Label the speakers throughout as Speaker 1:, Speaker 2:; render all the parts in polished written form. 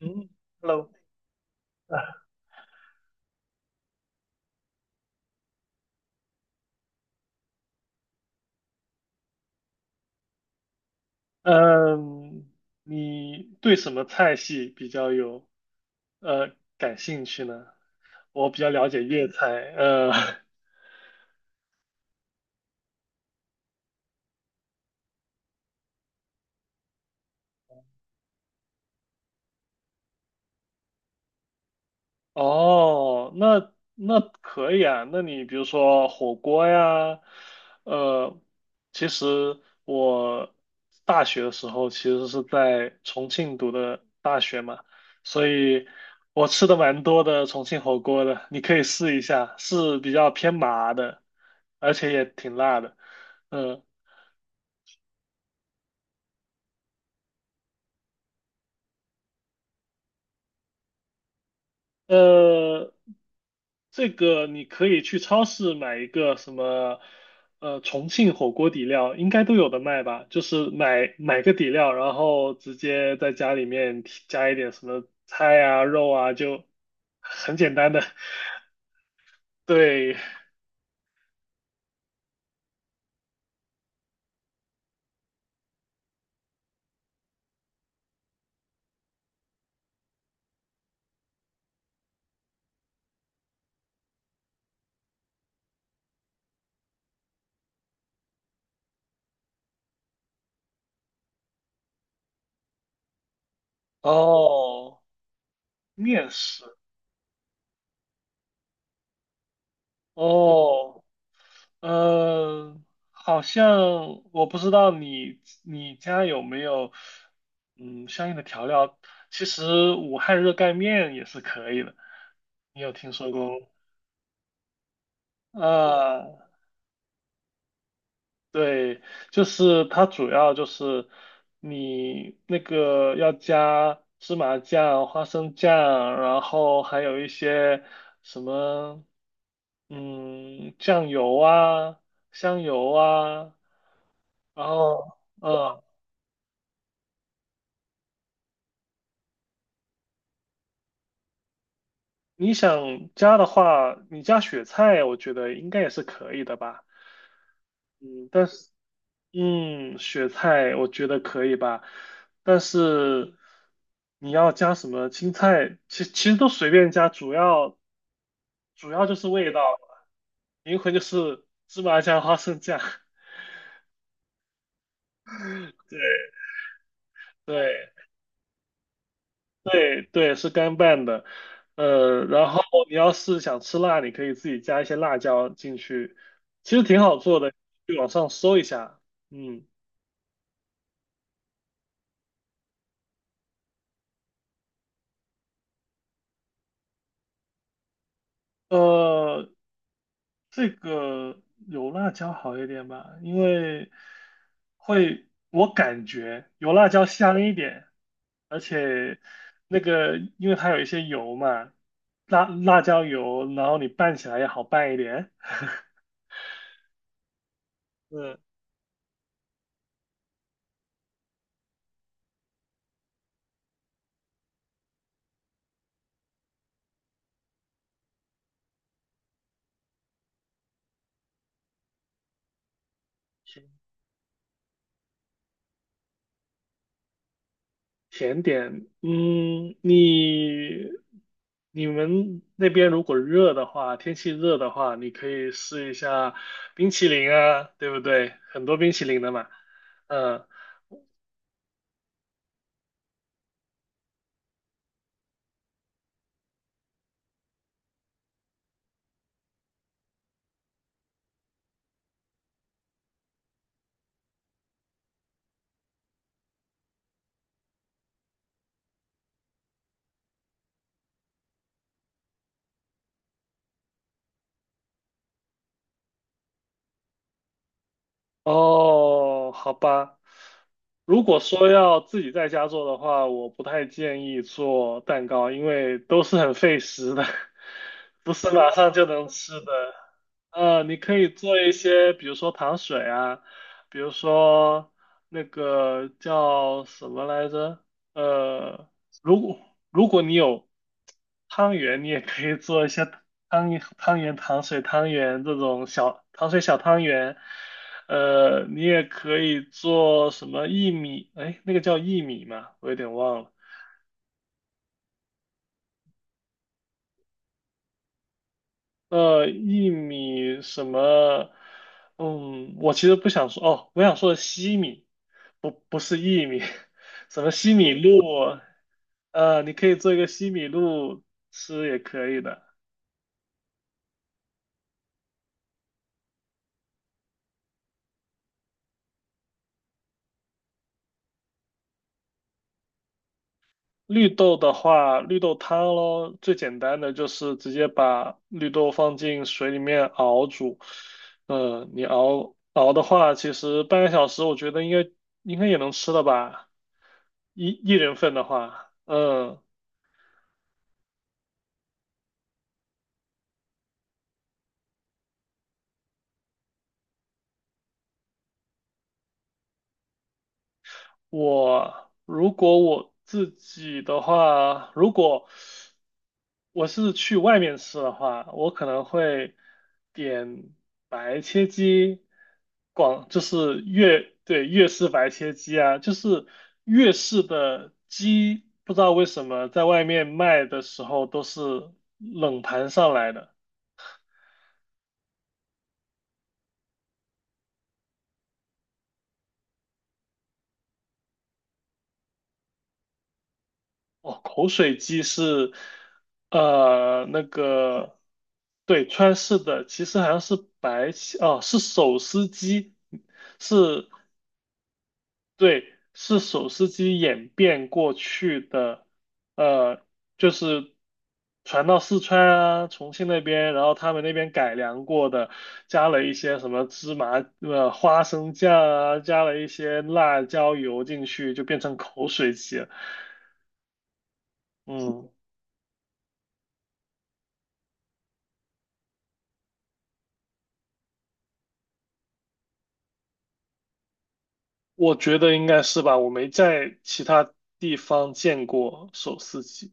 Speaker 1: 嗯，Hello，啊嗯，你对什么菜系比较有感兴趣呢？我比较了解粤菜，哦，那可以啊。那你比如说火锅呀，呃，其实我大学的时候其实是在重庆读的大学嘛，所以我吃的蛮多的重庆火锅的，你可以试一下，是比较偏麻的，而且也挺辣的。嗯，呃，这个你可以去超市买一个什么，重庆火锅底料，应该都有的卖吧？就是买个底料，然后直接在家里面提加一点什么菜啊、肉啊，就很简单的。对，哦，面食，哦，嗯、好像我不知道你家有没有，嗯，相应的调料。其实武汉热干面也是可以的。你有听说过？啊，对，就是它主要就是你那个要加芝麻酱、花生酱，然后还有一些什么，嗯，酱油啊、香油啊，然后，嗯，你想加的话，你加雪菜，我觉得应该也是可以的吧。嗯，但是，嗯，雪菜我觉得可以吧，但是你要加什么青菜，其实都随便加，主要就是味道，灵魂就是芝麻酱、花生酱，对对对，对，是干拌的，然后你要是想吃辣，你可以自己加一些辣椒进去，其实挺好做的，去网上搜一下，嗯。呃，这个有辣椒好一点吧，因为会，我感觉有辣椒香一点，而且那个因为它有一些油嘛，辣椒油，然后你拌起来也好拌一点。嗯，甜甜点，嗯，你们那边如果热的话，天气热的话，你可以试一下冰淇淋啊，对不对？很多冰淇淋的嘛，嗯。哦，好吧。如果说要自己在家做的话，我不太建议做蛋糕，因为都是很费时的，不是马上就能吃的。呃，你可以做一些，比如说糖水啊，比如说那个叫什么来着？呃，如果如果你有汤圆，你也可以做一些汤汤圆、糖水、汤圆这种小糖水小汤圆。呃，你也可以做什么薏米？哎，那个叫薏米吗？我有点忘了。呃，薏米什么？嗯，我其实不想说哦，我想说的西米，不是薏米，什么西米露？呃，你可以做一个西米露吃也可以的。绿豆的话，绿豆汤咯，最简单的就是直接把绿豆放进水里面熬煮。你熬的话，其实半个小时，我觉得应该也能吃了吧，一人份的话，嗯。我如果我自己的话，如果我是去外面吃的话，我可能会点白切鸡，广就是粤，对，粤式白切鸡啊，就是粤式的鸡，不知道为什么在外面卖的时候都是冷盘上来的。哦，口水鸡是，呃，那个，对，川式的，其实好像是白起，哦，是手撕鸡，是，对，是手撕鸡演变过去的，呃，就是传到四川啊、重庆那边，然后他们那边改良过的，加了一些什么芝麻、花生酱啊，加了一些辣椒油进去，就变成口水鸡了，嗯。我觉得应该是吧，我没在其他地方见过手撕鸡。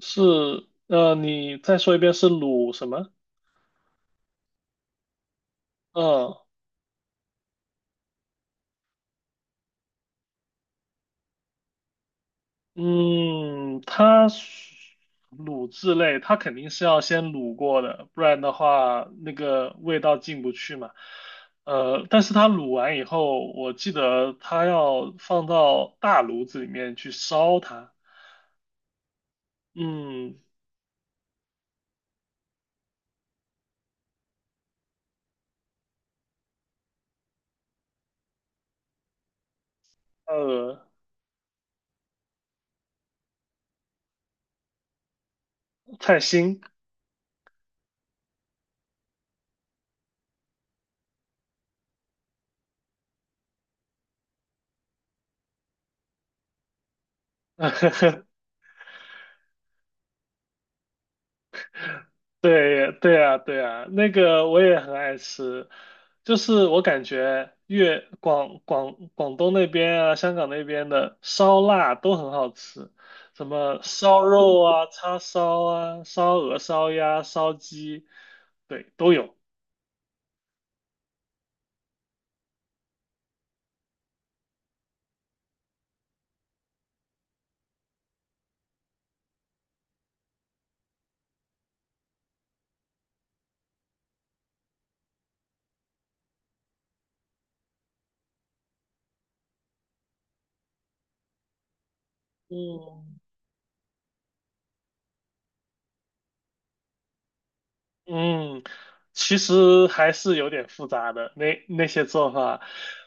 Speaker 1: 是，呃，你再说一遍是卤什么？嗯嗯，它是卤制类，它肯定是要先卤过的，不然的话那个味道进不去嘛。呃，但是它卤完以后，我记得它要放到大炉子里面去烧它。嗯，呃，菜心。对对啊，对啊，那个我也很爱吃，就是我感觉粤广东那边啊，香港那边的烧腊都很好吃，什么烧肉啊、叉烧啊、烧鹅、烧鸭、烧鸡，对，都有。嗯，嗯，其实还是有点复杂的，那些做法，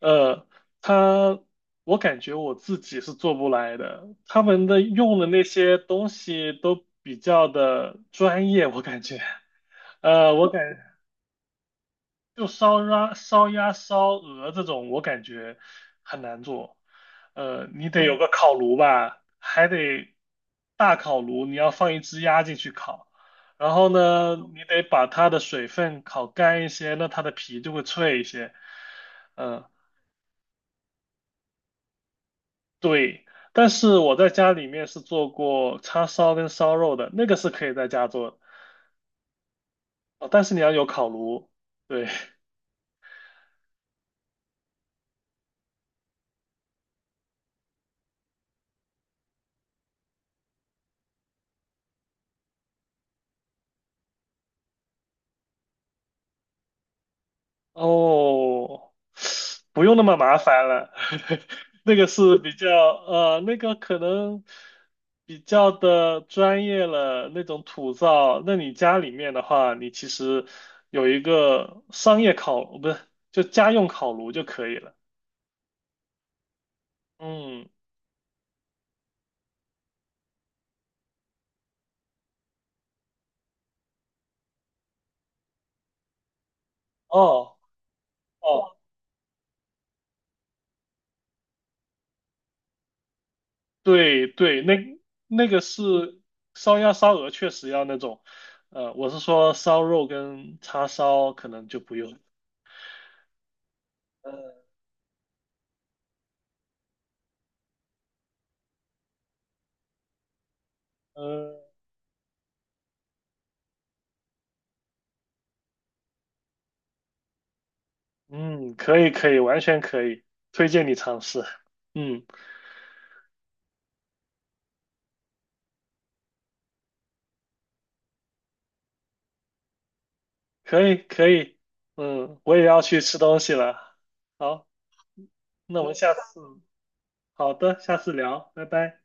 Speaker 1: 呃，他，我感觉我自己是做不来的，他们的用的那些东西都比较的专业，我感觉，呃，我感就烧鸭、烧鹅这种，我感觉很难做。呃，你得有个烤炉吧，还得大烤炉，你要放一只鸭进去烤。然后呢，你得把它的水分烤干一些，那它的皮就会脆一些。嗯，对。但是我在家里面是做过叉烧跟烧肉的，那个是可以在家做的，哦，但是你要有烤炉。对，哦，不用那么麻烦了，那个是比较那个可能比较的专业了，那种土灶。那你家里面的话，你其实有一个商业烤，不是，就家用烤炉就可以了。嗯，哦哦，对对，那个是烧鸭、烧鹅，确实要那种，呃，我是说烧肉跟叉烧可能就不用。嗯嗯。嗯，可以可以，完全可以，推荐你尝试。嗯，可以可以，嗯，我也要去吃东西了。好，那我们下次，好的，下次聊，拜拜。